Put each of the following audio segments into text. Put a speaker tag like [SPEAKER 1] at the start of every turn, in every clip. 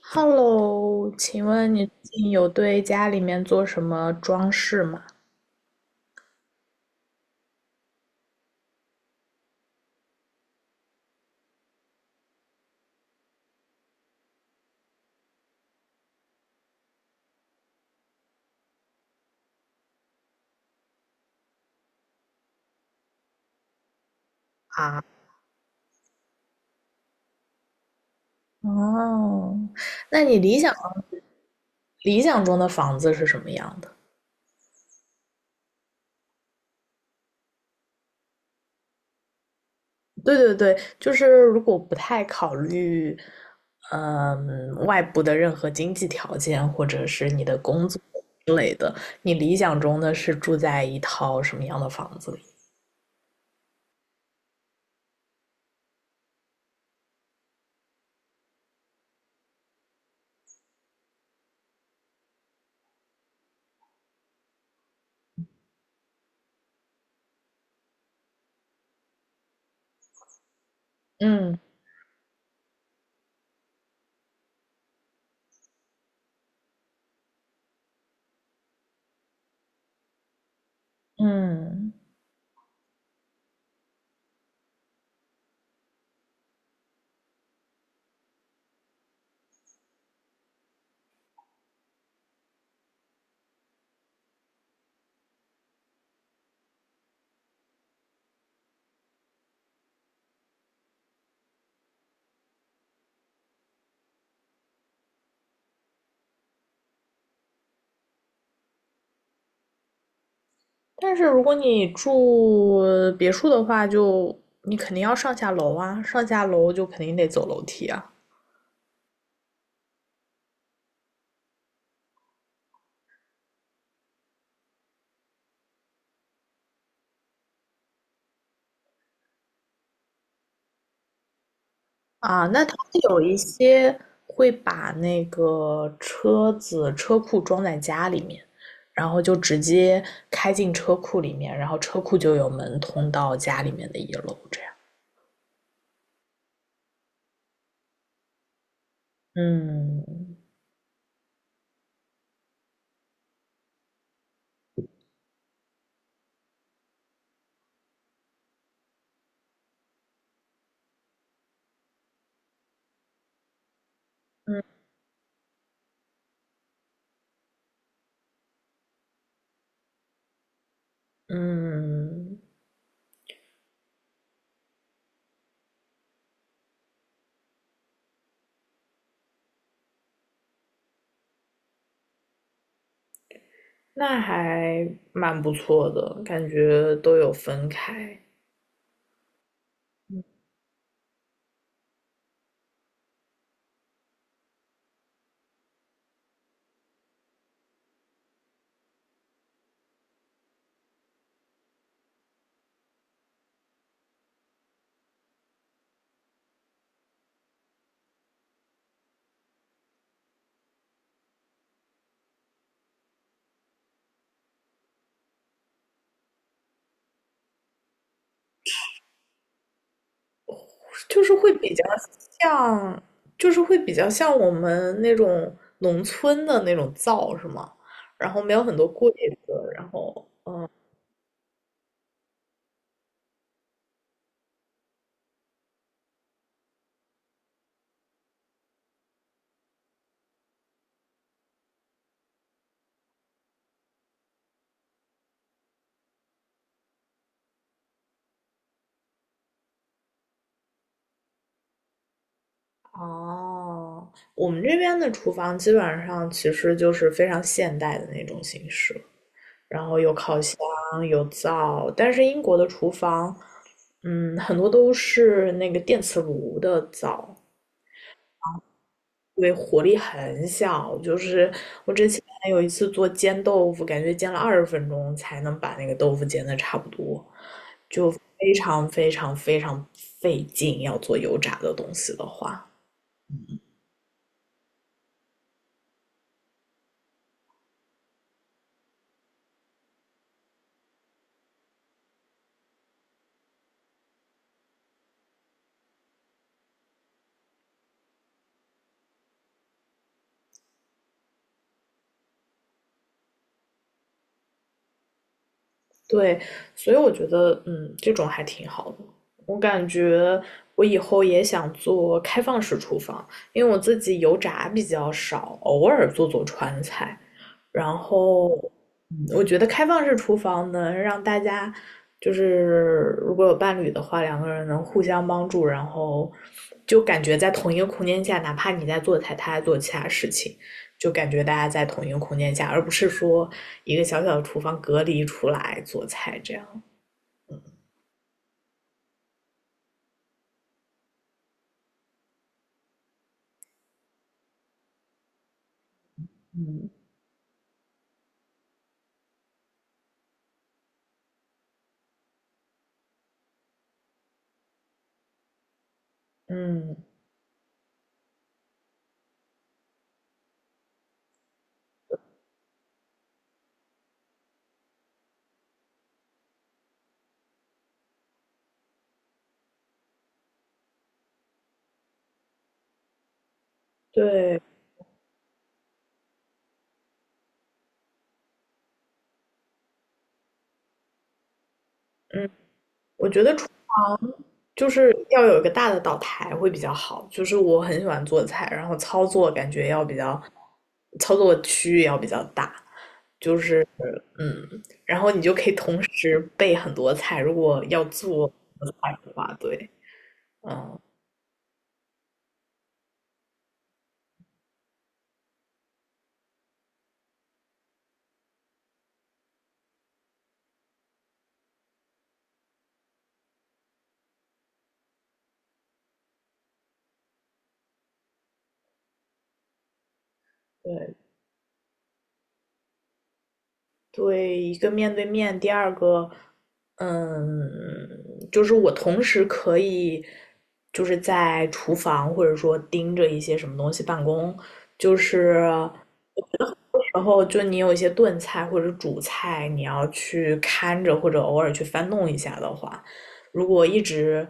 [SPEAKER 1] Hello，请问你最近有对家里面做什么装饰吗？啊，哦，那你理想中的房子是什么样的？对对对，就是如果不太考虑，外部的任何经济条件或者是你的工作之类的，你理想中的是住在一套什么样的房子里？嗯嗯，但是如果你住别墅的话，就你肯定要上下楼啊，上下楼就肯定得走楼梯啊。啊，那他们有一些会把那个车子车库装在家里面，然后就直接开进车库里面，然后车库就有门通到家里面的一楼，这样。嗯嗯，那还蛮不错的，感觉都有分开。就是会比较像，就是会比较像我们那种农村的那种灶是吗？然后没有很多柜子，然后哦，我们这边的厨房基本上其实就是非常现代的那种形式，然后有烤箱，有灶，但是英国的厨房，嗯，很多都是那个电磁炉的灶，对，火力很小，就是我之前还有一次做煎豆腐，感觉煎了二十分钟才能把那个豆腐煎的差不多，非常非常非常费劲。要做油炸的东西的话，对，所以我觉得，这种还挺好的。我感觉我以后也想做开放式厨房，因为我自己油炸比较少，偶尔做做川菜，然后，我觉得开放式厨房能让大家，就是如果有伴侣的话，两个人能互相帮助，然后就感觉在同一个空间下，哪怕你在做菜，他在做其他事情，就感觉大家在同一个空间下，而不是说一个小小的厨房隔离出来做菜这样。嗯，对，嗯，我觉得就是要有一个大的岛台会比较好。就是我很喜欢做菜，然后操作区域要比较大，嗯，然后你就可以同时备很多菜。如果要做菜的话，对，嗯，对对，一个面对面，第二个，嗯，就是我同时可以就是在厨房或者说盯着一些什么东西办公，就是然后就你有一些炖菜或者煮菜，你要去看着或者偶尔去翻弄一下的话，如果一直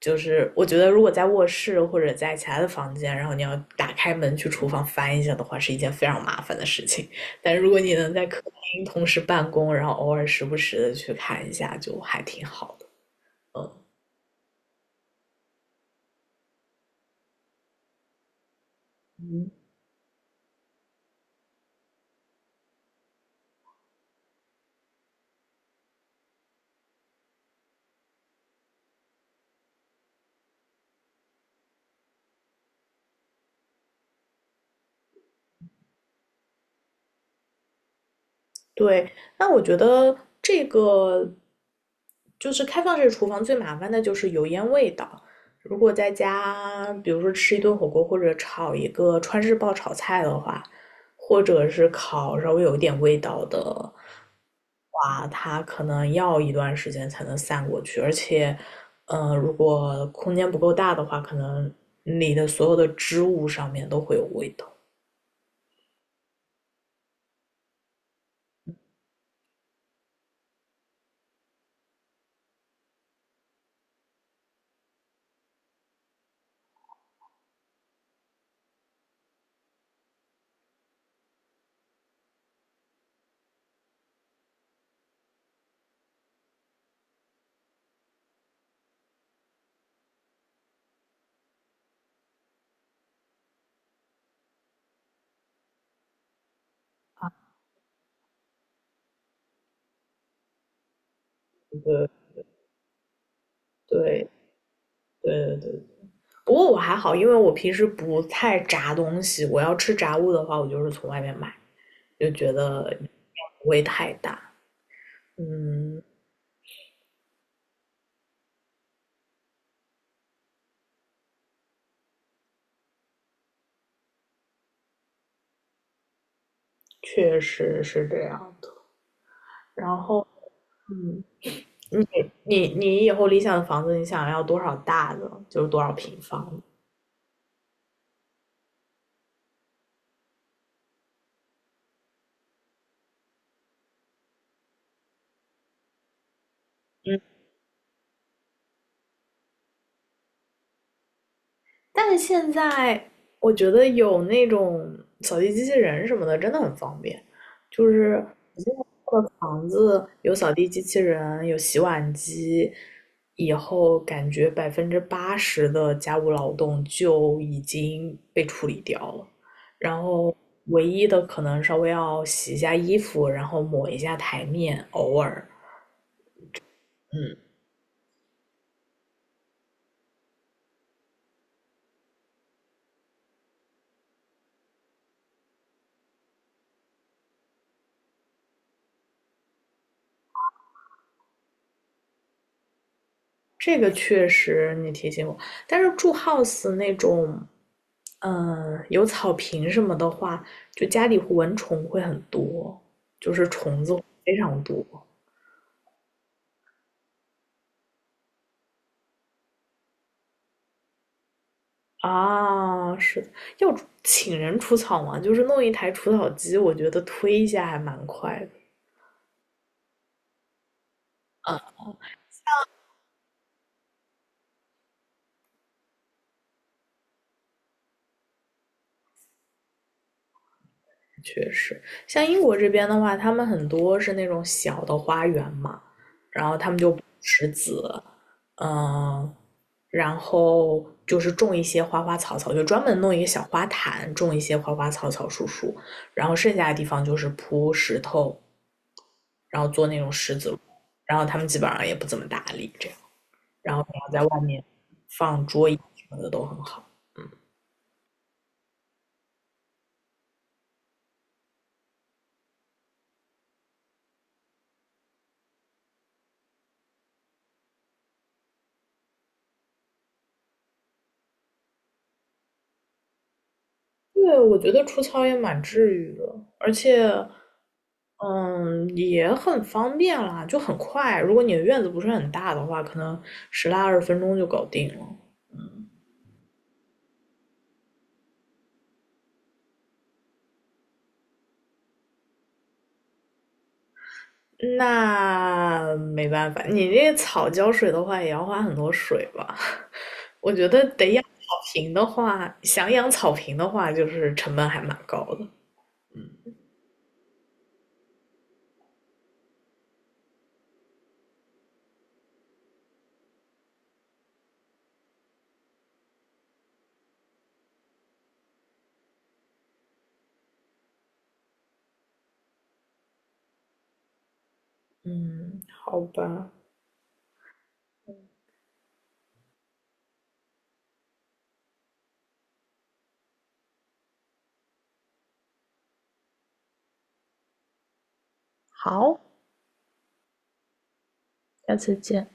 [SPEAKER 1] 就是我觉得如果在卧室或者在其他的房间，然后你要打开门去厨房翻一下的话，是一件非常麻烦的事情。但如果你能在客厅同时办公，然后偶尔时不时的去看一下，就还挺好的。嗯，对，那我觉得这个就是开放式厨房最麻烦的就是油烟味道。如果在家，比如说吃一顿火锅或者炒一个川式爆炒菜的话，或者是烤稍微有一点味道的话，它可能要一段时间才能散过去，而且，如果空间不够大的话，可能你的所有的织物上面都会有味道。对对对对对，不过我还好，因为我平时不太炸东西，我要吃炸物的话，我就是从外面买，就觉得不会太大。嗯，确实是这样的。然后，嗯，你以后理想的房子，你想要多少大的，就是多少平方嗯，但是现在我觉得有那种扫地机器人什么的，真的很方便。就是房子有扫地机器人，有洗碗机，以后感觉80%的家务劳动就已经被处理掉了，然后唯一的可能稍微要洗一下衣服，然后抹一下台面，偶尔，嗯，这个确实你提醒我，但是住 house 那种，有草坪什么的话，就家里蚊虫会很多，就是虫子非常多。啊，是的，要请人除草吗？就是弄一台除草机，我觉得推一下还蛮快的。啊，确实，像英国这边的话，他们很多是那种小的花园嘛，然后他们就不石子，嗯，然后就是种一些花花草草，就专门弄一个小花坛，种一些花花草草、树树，然后剩下的地方就是铺石头，然后做那种石子路，然后他们基本上也不怎么打理这样。然后你要在外面放桌椅什么的都很好。对，我觉得除草也蛮治愈的，而且嗯也很方便啦，就很快。如果你的院子不是很大的话，可能10来20分钟就搞定了。那没办法，你那草浇水的话也要花很多水吧？我觉得得养草坪的话，想养草坪的话，就是成本还蛮高的。嗯，好吧，好，下次见。